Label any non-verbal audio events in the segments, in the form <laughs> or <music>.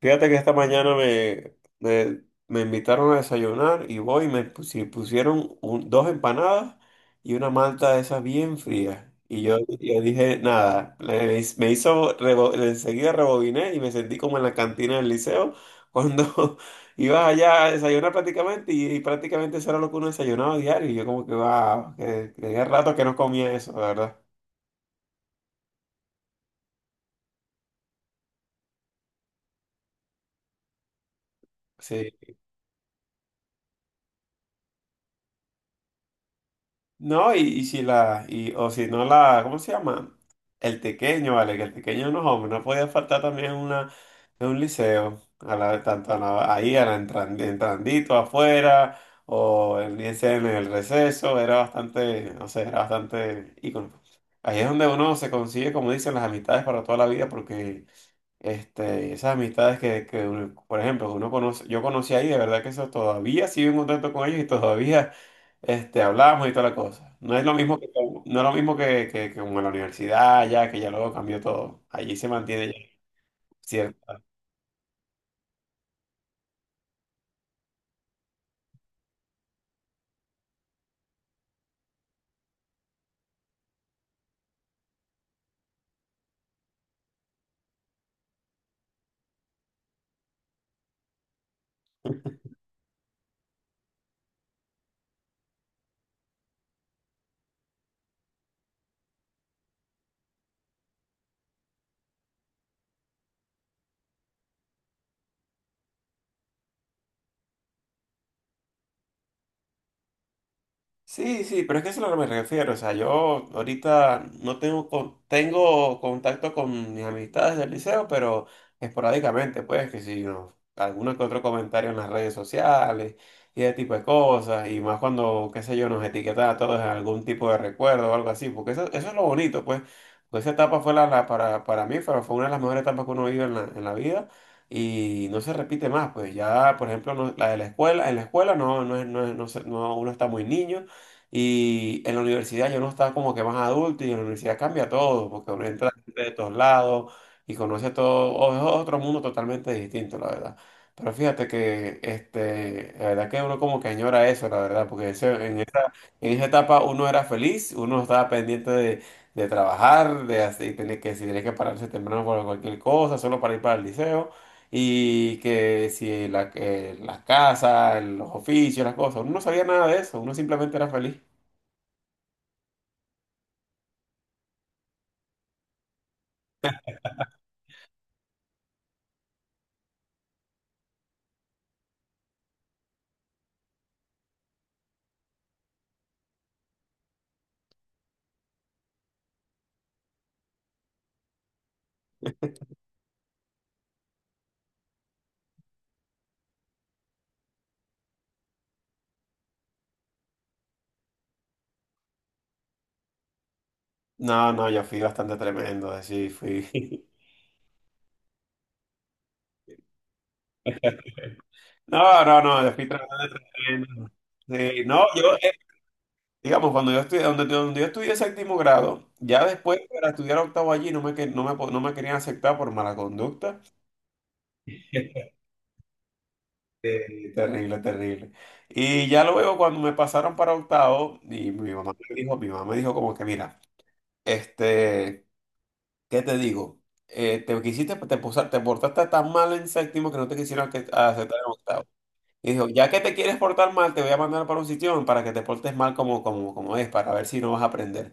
Fíjate que esta mañana me invitaron a desayunar y voy y me pusieron dos empanadas y una malta de esas bien fría. Y yo dije, nada, me hizo, enseguida rebobiné y me sentí como en la cantina del liceo cuando <laughs> ibas allá a desayunar prácticamente y prácticamente eso era lo que uno desayunaba diario. Y yo como que, wow, que tenía rato que no comía eso, la verdad. Sí. No, y si la, y, o si no la, ¿cómo se llama? El tequeño, vale, que el tequeño no, hombre, no podía faltar también una, en un liceo, a la, tanto ahí, a la entrandito afuera, o en, ya sea en el receso, era bastante, no sé, era bastante ícono. Ahí es donde uno se consigue, como dicen, las amistades para toda la vida, porque y esas amistades que por ejemplo, uno conoce, yo conocí ahí, de verdad que eso todavía sigo en contacto con ellos y todavía hablamos y toda la cosa. No es lo mismo que, no es lo mismo que como en la universidad, ya que ya luego cambió todo. Allí se mantiene ya. Sí, sí, pero es que eso es lo que me refiero. O sea, yo ahorita no tengo, tengo contacto con mis amistades del liceo, pero esporádicamente, pues, que si no, alguno que otro comentario en las redes sociales y ese tipo de cosas, y más cuando, qué sé yo, nos etiquetaba a todos en algún tipo de recuerdo o algo así, porque eso es lo bonito, pues, porque esa etapa fue la, para mí, fue una de las mejores etapas que uno vive en la vida. Y no se repite más, pues ya, por ejemplo, la de la escuela, en la escuela no, no, no, no, no, uno está muy niño, y en la universidad yo no estaba como que más adulto y en la universidad cambia todo, porque uno entra gente de todos lados y conoce a todo, es otro mundo totalmente distinto, la verdad. Pero fíjate que la verdad que uno como que añora eso, la verdad, porque en esa etapa uno era feliz, uno estaba pendiente de trabajar, de así, tener que, si tenía que pararse temprano por cualquier cosa, solo para ir para el liceo. Y que si la, las casas, los oficios, las cosas, uno no sabía nada de eso, uno simplemente era feliz. No, no, yo fui bastante tremendo, así fui. <laughs> No, no, no, yo fui bastante tremendo. Sí, no, yo, digamos, cuando yo estudié, donde yo estudié séptimo grado, ya después para estudiar octavo allí no me, no me, no me querían aceptar por mala conducta. <laughs> Terrible, terrible. Y ya luego cuando me pasaron para octavo, y mi mamá me dijo, mi mamá me dijo como que, mira, este, ¿qué te digo? Te quisiste, te, te portaste tan mal en séptimo que no te quisieron aceptar en octavo. Y dijo, ya que te quieres portar mal, te voy a mandar para un sitio para que te portes mal como es, para ver si no vas a aprender.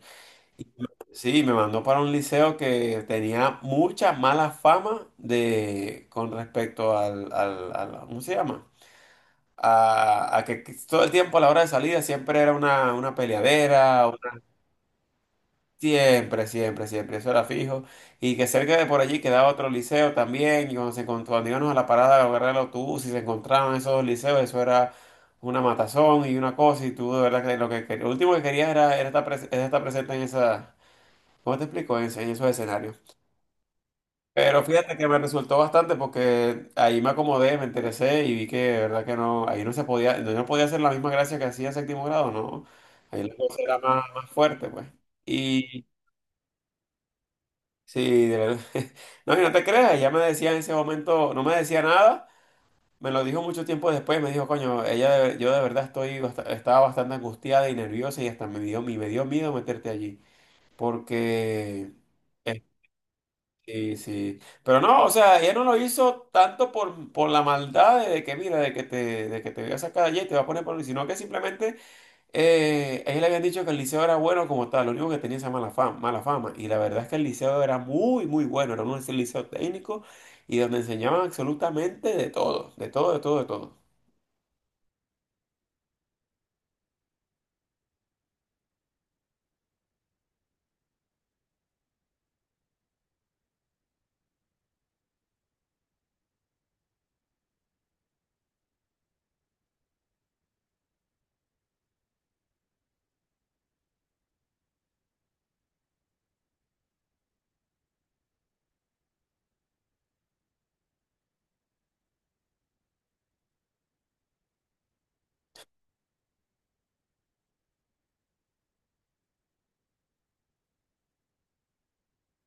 Y sí, me mandó para un liceo que tenía mucha mala fama de, con respecto ¿cómo se llama? A que todo el tiempo a la hora de salida siempre era una peleadera. Siempre, siempre, siempre, eso era fijo. Y que cerca de por allí quedaba otro liceo también. Y cuando se encontró, cuando íbamos a la parada a agarrar el autobús y se encontraban esos dos liceos, eso era una matazón y una cosa. Y tú, de verdad, que lo que, lo último que querías era, era estar presente en esa. ¿Cómo te explico? En esos escenarios. Pero fíjate que me resultó bastante porque ahí me acomodé, me interesé y vi que, de verdad, que no. Ahí no se podía, no podía hacer la misma gracia que hacía en séptimo grado, ¿no? Ahí la cosa era más, más fuerte, pues. Sí, de verdad. <laughs> No, y no te creas, ella me decía en ese momento, no me decía nada, me lo dijo mucho tiempo después, me dijo, coño, yo de verdad estaba bastante angustiada y nerviosa y hasta me dio miedo meterte allí, porque, eh, sí, sí, pero no, o sea, ella no lo hizo tanto por la maldad de que, mira, de que te voy a sacar de allí y te va a poner por, sino que simplemente a él le habían dicho que el liceo era bueno como tal, lo único que tenía esa mala fama, mala fama. Y la verdad es que el liceo era muy, muy bueno, era un liceo técnico y donde enseñaban absolutamente de todo, de todo, de todo, de todo.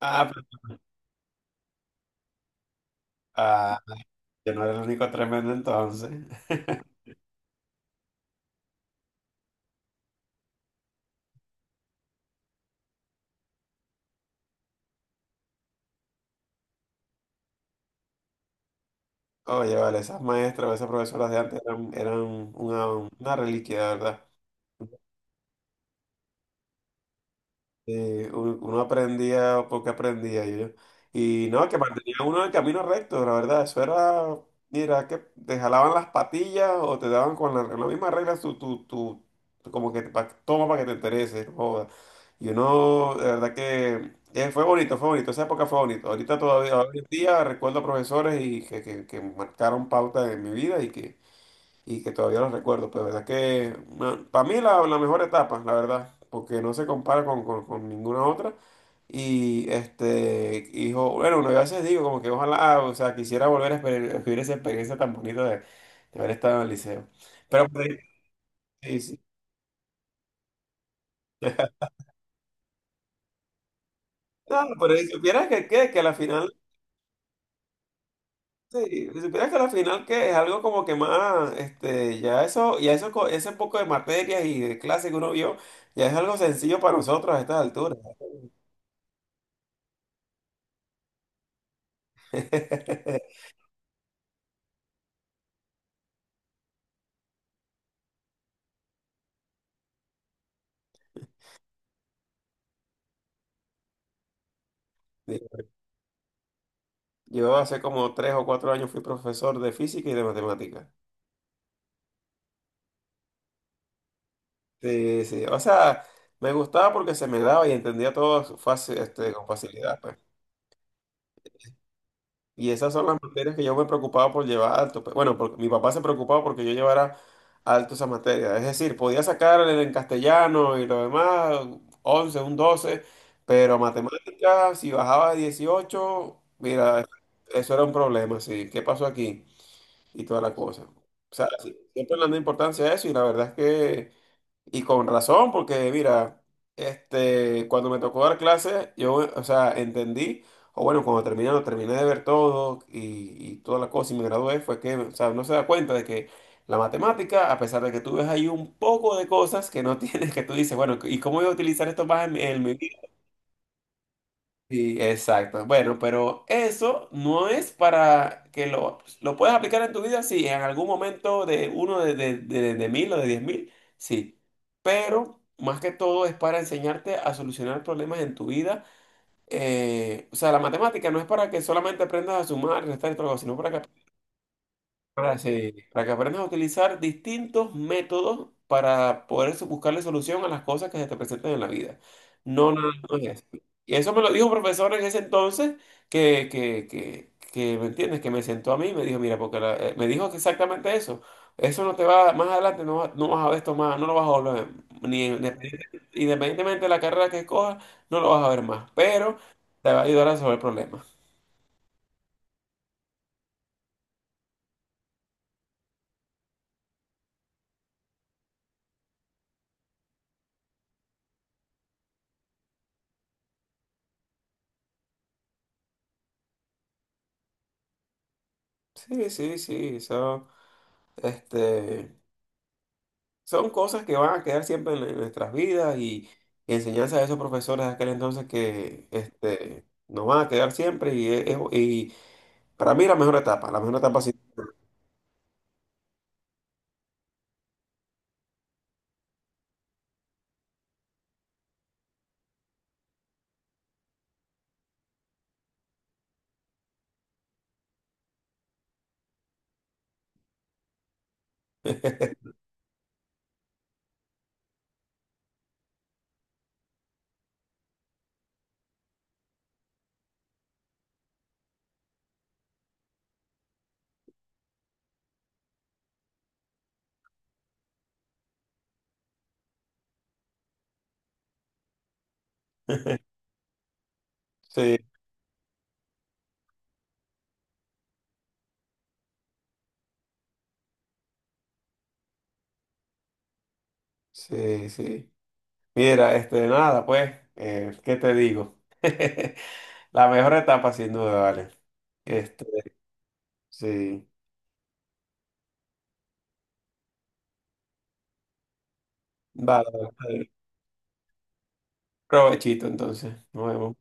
Ah, ah, yo no era el único tremendo entonces. <laughs> Oye, vale, esas maestras o esas profesoras de antes eran una reliquia, de verdad. Uno aprendía porque aprendía y yo. Y no, que mantenía uno el camino recto, la verdad. Eso era, mira, que te jalaban las patillas o te daban con la misma regla, como que toma para que te interese. No joda. Y uno, de verdad que fue bonito, fue bonito. Esa época fue bonito. Ahorita todavía, hoy en día recuerdo profesores y que marcaron pauta en mi vida y que todavía los recuerdo. Pues verdad que bueno, para mí la mejor etapa, la verdad, porque no se compara con ninguna otra. Y hijo, bueno, uno a veces digo como que ojalá, o sea, quisiera volver a vivir esa experiencia tan bonita de haber estado en el liceo. Pero por ahí, sí, sí. No, pero si supieras que a la final, sí, si supieras que a la final que es algo como que más, ese poco de materias y de clases que uno vio, ya es algo sencillo para nosotros a estas alturas. <laughs> Sí. Yo hace como 3 o 4 años fui profesor de física y de matemáticas. Sí, sí. O sea, me gustaba porque se me daba y entendía todo fácil, con facilidad, pues. Y esas son las materias que yo me preocupaba por llevar alto, pues. Bueno, porque mi papá se preocupaba porque yo llevara alto esa materia. Es decir, podía sacar en castellano y lo demás, 11 un 12, pero matemáticas, si bajaba de 18, mira, eso era un problema, sí. ¿Qué pasó aquí? Y toda la cosa. O sea, sí, siempre le dan importancia a eso y la verdad es que, y con razón, porque mira, cuando me tocó dar clases, yo, o sea, entendí, o bueno, cuando terminé, lo terminé de ver todo y toda la cosa y me gradué, fue que, o sea, no se da cuenta de que la matemática, a pesar de que tú ves ahí un poco de cosas que no <laughs> tienes, que tú dices, bueno, ¿y cómo voy a utilizar esto más en mi Sí, exacto. Bueno, pero eso no es para que lo puedes aplicar en tu vida, sí, en algún momento de uno de 1.000 o de 10.000, sí. Pero más que todo es para enseñarte a solucionar problemas en tu vida. O sea, la matemática no es para que solamente aprendas a sumar, restar y todo, sino para que sí, para que aprendas a utilizar distintos métodos para poder buscarle solución a las cosas que se te presentan en la vida. No, no, no es eso. Y eso me lo dijo un profesor en ese entonces ¿me entiendes? Que me sentó a mí y me dijo, mira, porque me dijo que exactamente eso. Eso no te va, más adelante no, no vas a ver esto más, no lo vas a volver, a ver, ni independientemente de la carrera que cojas, no lo vas a ver más, pero te va a ayudar a resolver problemas. Sí, sí, sí, eso. este... Son cosas que van a quedar siempre en nuestras vidas y enseñanzas de esos profesores de aquel entonces que nos van a quedar siempre y para mí la mejor etapa sí. <laughs> Sí, sí, sí. Mira, nada, pues, ¿qué te digo? <laughs> La mejor etapa sin duda, vale. Este, sí. Vale, vale. Provechito entonces. Nos vemos.